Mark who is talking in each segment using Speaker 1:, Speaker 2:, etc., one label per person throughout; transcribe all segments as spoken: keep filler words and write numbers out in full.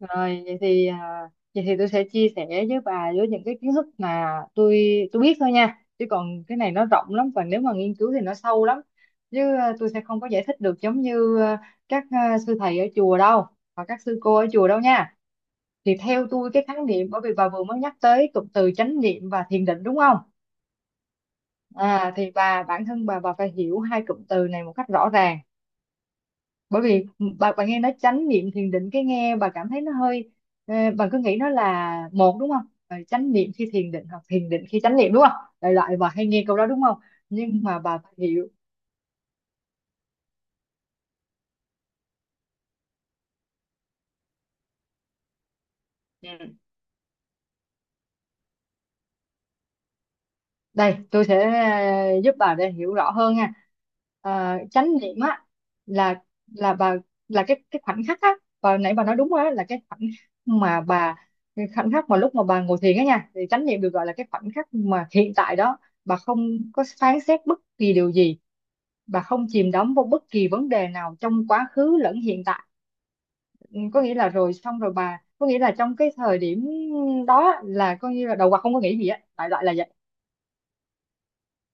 Speaker 1: Rồi vậy thì à, vậy thì tôi sẽ chia sẻ với bà với những cái kiến thức mà tôi tôi biết thôi nha. Chứ còn cái này nó rộng lắm, và nếu mà nghiên cứu thì nó sâu lắm. Chứ à, tôi sẽ không có giải thích được giống như à, các à, sư thầy ở chùa đâu và các sư cô ở chùa đâu nha. Thì theo tôi cái khái niệm, bởi vì bà vừa mới nhắc tới cụm từ chánh niệm và thiền định, đúng không? À, thì bà, bản thân bà bà phải hiểu hai cụm từ này một cách rõ ràng, bởi vì bà bà nghe nó chánh niệm thiền định, cái nghe bà cảm thấy nó hơi ờ, bà cứ nghĩ nó là một, đúng không? Ờ, chánh niệm khi thiền định hoặc thiền định khi chánh niệm, đúng không, đại loại bà hay nghe câu đó, đúng không? Nhưng mà bà phải hiểu. Ừ. Đây tôi sẽ ờ, giúp bà để hiểu rõ hơn nha. À, chánh niệm á, là là bà là cái cái khoảnh khắc á, và nãy bà nói đúng rồi á, là cái khoảnh khắc mà bà cái khoảnh khắc mà lúc mà bà ngồi thiền á nha, thì chánh niệm được gọi là cái khoảnh khắc mà hiện tại đó bà không có phán xét bất kỳ điều gì, bà không chìm đắm vào bất kỳ vấn đề nào trong quá khứ lẫn hiện tại. Ừ, có nghĩa là rồi xong rồi bà có nghĩa là trong cái thời điểm đó là coi như là đầu óc không có nghĩ gì á, đại loại là vậy.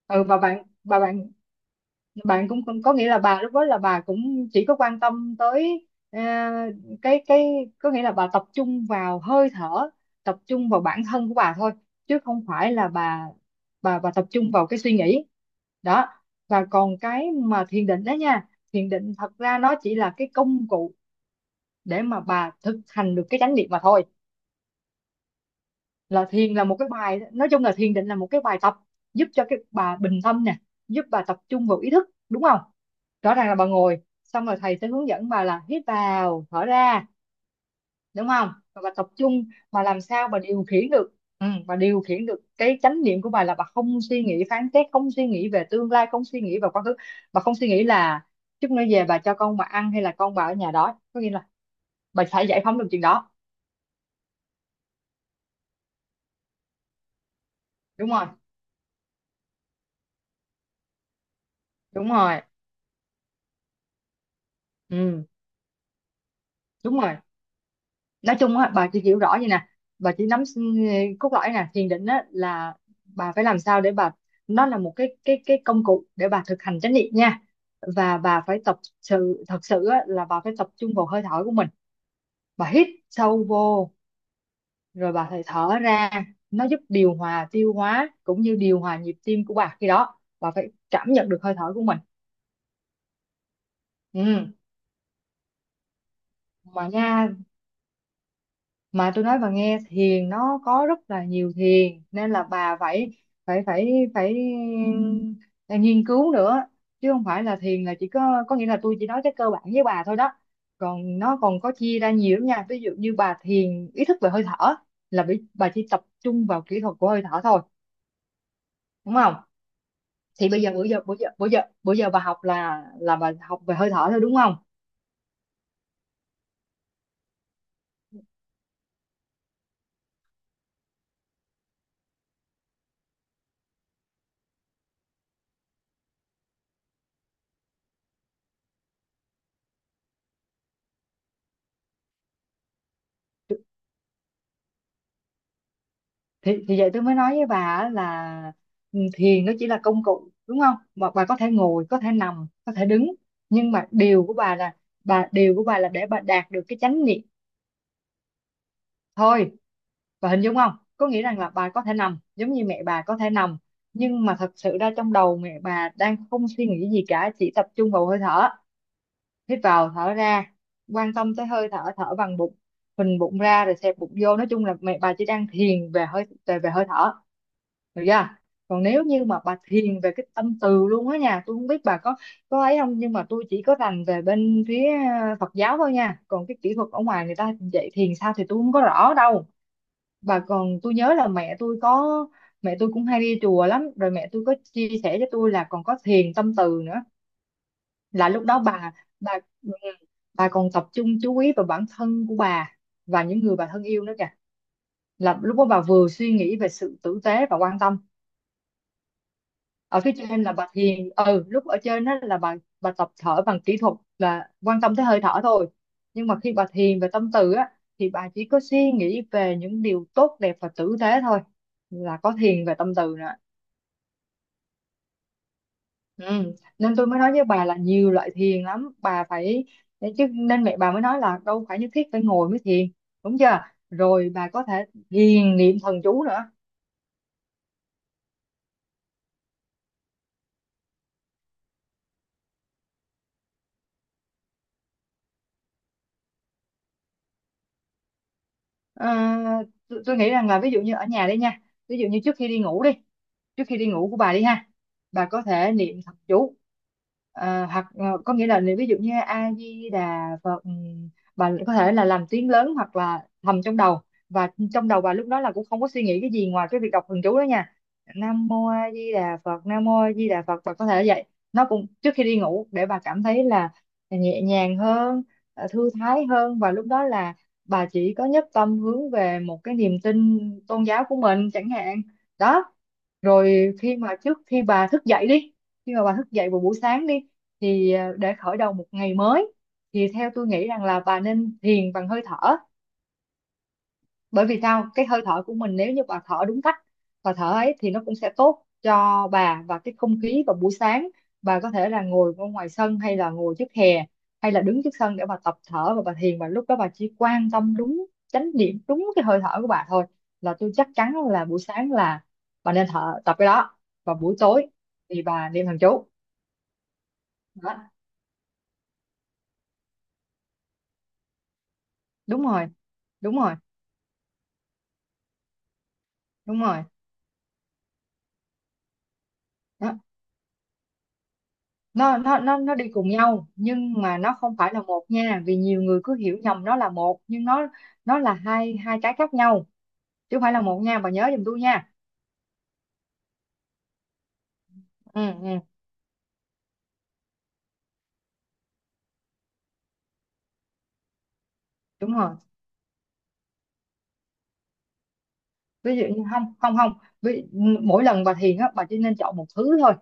Speaker 1: Ừ, và bạn và bạn bạn cũng cũng có nghĩa là bà lúc đó là bà cũng chỉ có quan tâm tới ờ, cái cái có nghĩa là bà tập trung vào hơi thở, tập trung vào bản thân của bà thôi, chứ không phải là bà bà bà tập trung vào cái suy nghĩ đó. Và còn cái mà thiền định đó nha, thiền định thật ra nó chỉ là cái công cụ để mà bà thực hành được cái chánh niệm mà thôi. Là thiền là một cái bài, nói chung là thiền định là một cái bài tập giúp cho cái bà bình tâm nè, giúp bà tập trung vào ý thức, đúng không? Rõ ràng là bà ngồi xong rồi thầy sẽ hướng dẫn bà là hít vào thở ra, đúng không, và bà tập trung, mà làm sao bà điều khiển được. Ừ, bà điều khiển được cái chánh niệm của bà là bà không suy nghĩ phán xét, không suy nghĩ về tương lai, không suy nghĩ về quá khứ, bà không suy nghĩ là chút nữa về bà cho con bà ăn hay là con bà ở nhà đó, có nghĩa là bà phải giải phóng được chuyện đó. Đúng rồi, đúng rồi, ừ, đúng rồi. Nói chung á, bà chỉ hiểu rõ vậy nè, bà chỉ nắm s- cốt lõi nè. Thiền định á là bà phải làm sao để bà, nó là một cái cái cái công cụ để bà thực hành chánh niệm nha. Và bà phải tập sự thật sự á, là bà phải tập trung vào hơi thở của mình, bà hít sâu vô rồi bà phải thở ra, nó giúp điều hòa tiêu hóa cũng như điều hòa nhịp tim của bà, khi đó bà phải cảm nhận được hơi thở của mình. Ừ. Mà nha, mà tôi nói bà nghe, thiền nó có rất là nhiều thiền, nên là bà phải phải phải phải ừ, nghiên cứu nữa, chứ không phải là thiền là chỉ có có nghĩa là tôi chỉ nói cái cơ bản với bà thôi đó. Còn nó còn có chia ra nhiều lắm nha, ví dụ như bà thiền ý thức về hơi thở là bị- bà chỉ tập trung vào kỹ thuật của hơi thở thôi, đúng không? Thì bây giờ bữa giờ bữa giờ bữa giờ bữa giờ bà học là là bà học về hơi thở thôi, đúng không? Thì, thì vậy tôi mới nói với bà á là ừ, thiền nó chỉ là công cụ, đúng không, mà bà có thể ngồi, có thể nằm, có thể đứng, nhưng mà điều của bà là bà điều của bà là để bà đạt được cái chánh niệm thôi. Bà hình dung không, có nghĩa rằng là bà có thể nằm, giống như mẹ bà có thể nằm, nhưng mà thật sự ra trong đầu mẹ bà đang không suy nghĩ gì cả, chỉ tập trung vào hơi thở, hít vào thở ra, quan tâm tới hơi thở, thở bằng bụng, phình bụng ra rồi xẹp bụng vô, nói chung là mẹ bà chỉ đang thiền về hơi về, về hơi thở. Được chưa? Còn nếu như mà bà thiền về cái tâm từ luôn á nha, tôi không biết bà có có ấy không, nhưng mà tôi chỉ có rành về bên phía ờ, Phật giáo thôi nha. Còn cái kỹ thuật ở ngoài người ta dạy thiền sao thì tôi không có rõ đâu. Bà còn Tôi nhớ là mẹ tôi có, mẹ tôi cũng hay đi chùa lắm, rồi mẹ tôi có chia sẻ cho tôi là còn có thiền tâm từ nữa. Là lúc đó bà bà ừ, bà còn tập trung chú ý vào bản thân của bà và những người bà thân yêu nữa kìa. Là lúc đó bà vừa suy nghĩ về sự tử tế và quan tâm ở phía trên, là bà thiền ừ lúc ở trên đó là bà bà tập thở bằng kỹ thuật là quan tâm tới hơi thở thôi, nhưng mà khi bà thiền về tâm từ á, thì bà chỉ có suy nghĩ về những điều tốt đẹp và tử tế thôi, là có thiền về tâm từ nữa. Ừ. Nên tôi mới nói với bà là nhiều loại thiền lắm, bà phải, chứ nên mẹ bà mới nói là đâu phải nhất thiết phải ngồi mới thiền, đúng chưa? Rồi bà có thể thiền niệm thần chú nữa. À, tôi, tôi nghĩ rằng là ví dụ như ở nhà đi nha, ví dụ như trước khi đi ngủ đi, trước khi đi ngủ của bà đi ha, bà có thể niệm thập chú, à, hoặc ờ, có nghĩa là niệm ví dụ như A Di Đà Phật, ừm, bà có thể là làm tiếng lớn hoặc là thầm trong đầu, và trong đầu bà lúc đó là cũng không có suy nghĩ cái gì ngoài cái việc đọc thần chú đó nha. Nam mô A Di Đà Phật, Nam mô A Di Đà Phật, bà có thể vậy. Nó cũng trước khi đi ngủ để bà cảm thấy là nhẹ nhàng hơn, ờ, thư thái hơn, và lúc đó là bà chỉ có nhất tâm hướng về một cái niềm tin tôn giáo của mình chẳng hạn, đó. Rồi khi mà trước khi bà thức dậy đi, khi mà bà thức dậy vào buổi sáng đi, thì à, để khởi đầu một ngày mới, thì theo tôi nghĩ rằng là bà nên thiền bằng hơi thở, bởi vì sao, cái hơi thở của mình nếu như bà thở đúng cách và thở ấy thì nó cũng sẽ tốt cho bà, và cái không khí vào buổi sáng bà có thể là ngồi ở ngoài sân hay là ngồi trước hè hay là đứng trước sân để bà tập thở và bà thiền, và lúc đó bà chỉ quan tâm đúng chánh niệm, đúng cái hơi thở của bà thôi. Là tôi chắc chắn là buổi sáng là bà nên thở tập cái đó, và buổi tối thì bà niệm thần chú đó. Đúng rồi, đúng rồi, đúng rồi, đó. nó nó nó nó đi cùng nhau, nhưng mà nó không phải là một nha, vì nhiều người cứ hiểu nhầm nó là một, nhưng nó nó là hai hai cái khác nhau, chứ không phải là một nha, bà nhớ giùm tôi nha. Ừ, ừ đúng rồi. Ví dụ như không không không ví, mỗi lần bà thiền á bà chỉ nên chọn một thứ thôi.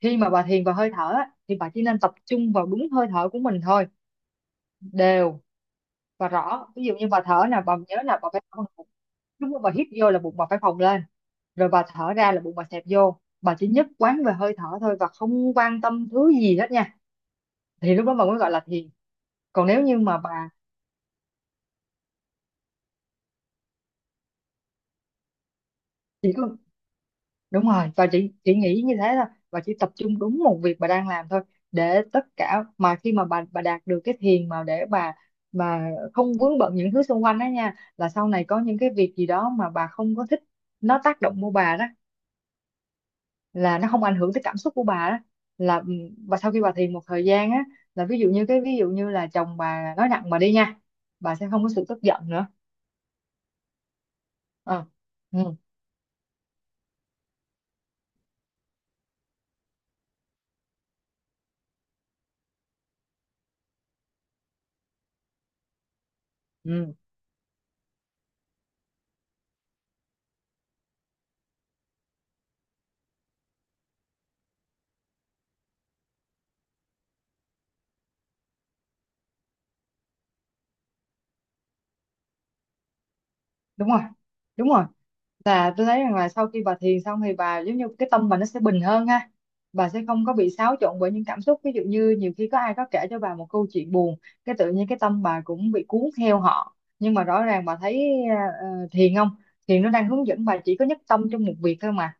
Speaker 1: Khi mà bà thiền vào hơi thở á, thì bà chỉ nên tập trung vào đúng hơi thở của mình thôi, đều và rõ. Ví dụ như bà thở là bà nhớ là bà phải, đúng rồi, bà hít vô là bụng bà phải phồng lên, rồi bà thở ra là bụng bà xẹp vô, bà chỉ nhất quán về hơi thở thôi và không quan tâm thứ gì hết nha, thì lúc đó bà mới gọi là thiền. Còn nếu như mà bà chỉ có, đúng rồi, bà chỉ chỉ nghĩ như thế thôi, bà chỉ tập trung đúng một việc bà đang làm thôi, để tất cả mà khi mà bà bà đạt được cái thiền mà để bà bà không vướng bận những thứ xung quanh đó nha, là sau này có những cái việc gì đó mà bà không có thích, nó tác động vô bà đó, là nó không ảnh hưởng tới cảm xúc của bà đó. Là ừ, bà sau khi bà thiền một thời gian á, là ví dụ như cái ví dụ như là chồng bà nói nặng bà đi nha, bà sẽ không có sự tức giận nữa. Ờ, ừ, ừ, đúng rồi, đúng rồi. Là tôi thấy rằng là sau khi bà thiền xong thì bà giống như cái tâm bà nó sẽ bình hơn ha, bà sẽ không có bị xáo trộn bởi những cảm xúc. Ví dụ như nhiều khi có ai có kể cho bà một câu chuyện buồn, cái tự nhiên cái tâm bà cũng bị cuốn theo họ, nhưng mà rõ ràng bà thấy ờ, ờ, thiền không, thiền nó đang hướng dẫn bà chỉ có nhất tâm trong một việc thôi mà.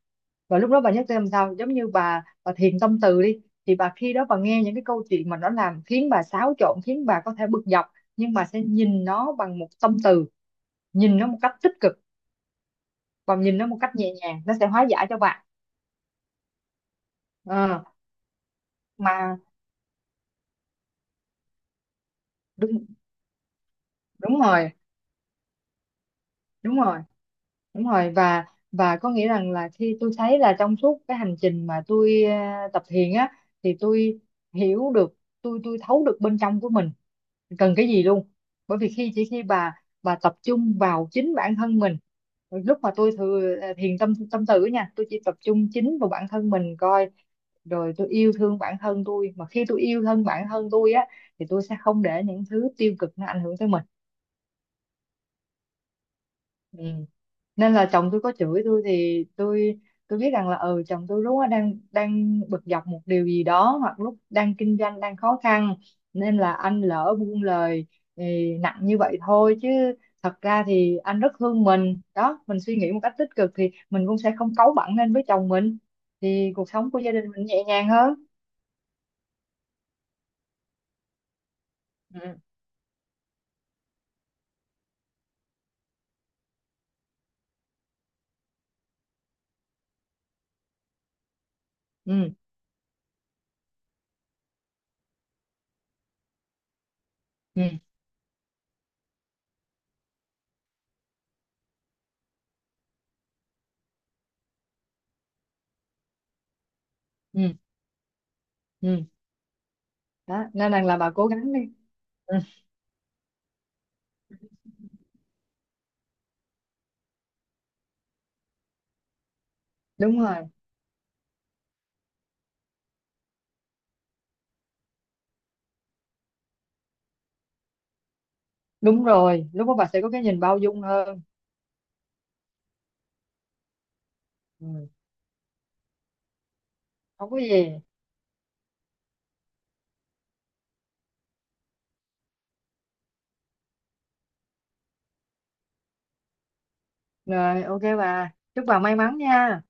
Speaker 1: Và lúc đó bà nhắc xem sao, giống như bà bà thiền tâm từ đi, thì bà khi đó bà nghe những cái câu chuyện mà nó làm khiến bà xáo trộn, khiến bà có thể bực dọc, nhưng bà sẽ nhìn nó bằng một tâm từ, nhìn nó một cách tích cực và nhìn nó một cách nhẹ nhàng, nó sẽ hóa giải cho bạn. Ờ, mà đúng đúng rồi, đúng rồi, đúng rồi. và và có nghĩa rằng là khi tôi thấy là trong suốt cái hành trình mà tôi ờ, tập thiền á, thì tôi hiểu được, tôi tôi thấu được bên trong của mình cần cái gì luôn. Bởi vì khi chỉ khi bà bà tập trung vào chính bản thân mình, lúc mà tôi thừa à, thiền tâm tâm tử nha, tôi chỉ tập trung chính vào bản thân mình coi, rồi tôi yêu thương bản thân tôi, mà khi tôi yêu thương bản thân tôi á thì tôi sẽ không để những thứ tiêu cực nó ảnh hưởng tới mình. Ừ. Nên là chồng tôi có chửi tôi thì tôi tôi biết rằng là ừ chồng tôi lúc đó đang đang bực dọc một điều gì đó, hoặc lúc đang kinh doanh đang khó khăn, nên là anh lỡ buông lời thì nặng như vậy thôi, chứ thật ra thì anh rất thương mình đó, mình suy nghĩ một cách tích cực thì mình cũng sẽ không cáu bẳn lên với chồng mình, thì cuộc sống của gia đình mình nhẹ nhàng hơn. ừ ừ ừ ừ ừ. Đó nên rằng là bà cố gắng đi. ừ, Đúng rồi, đúng rồi, lúc đó bà sẽ có cái nhìn bao dung hơn. Ừ. Không có gì. Rồi ok, bà chúc bà may mắn nha.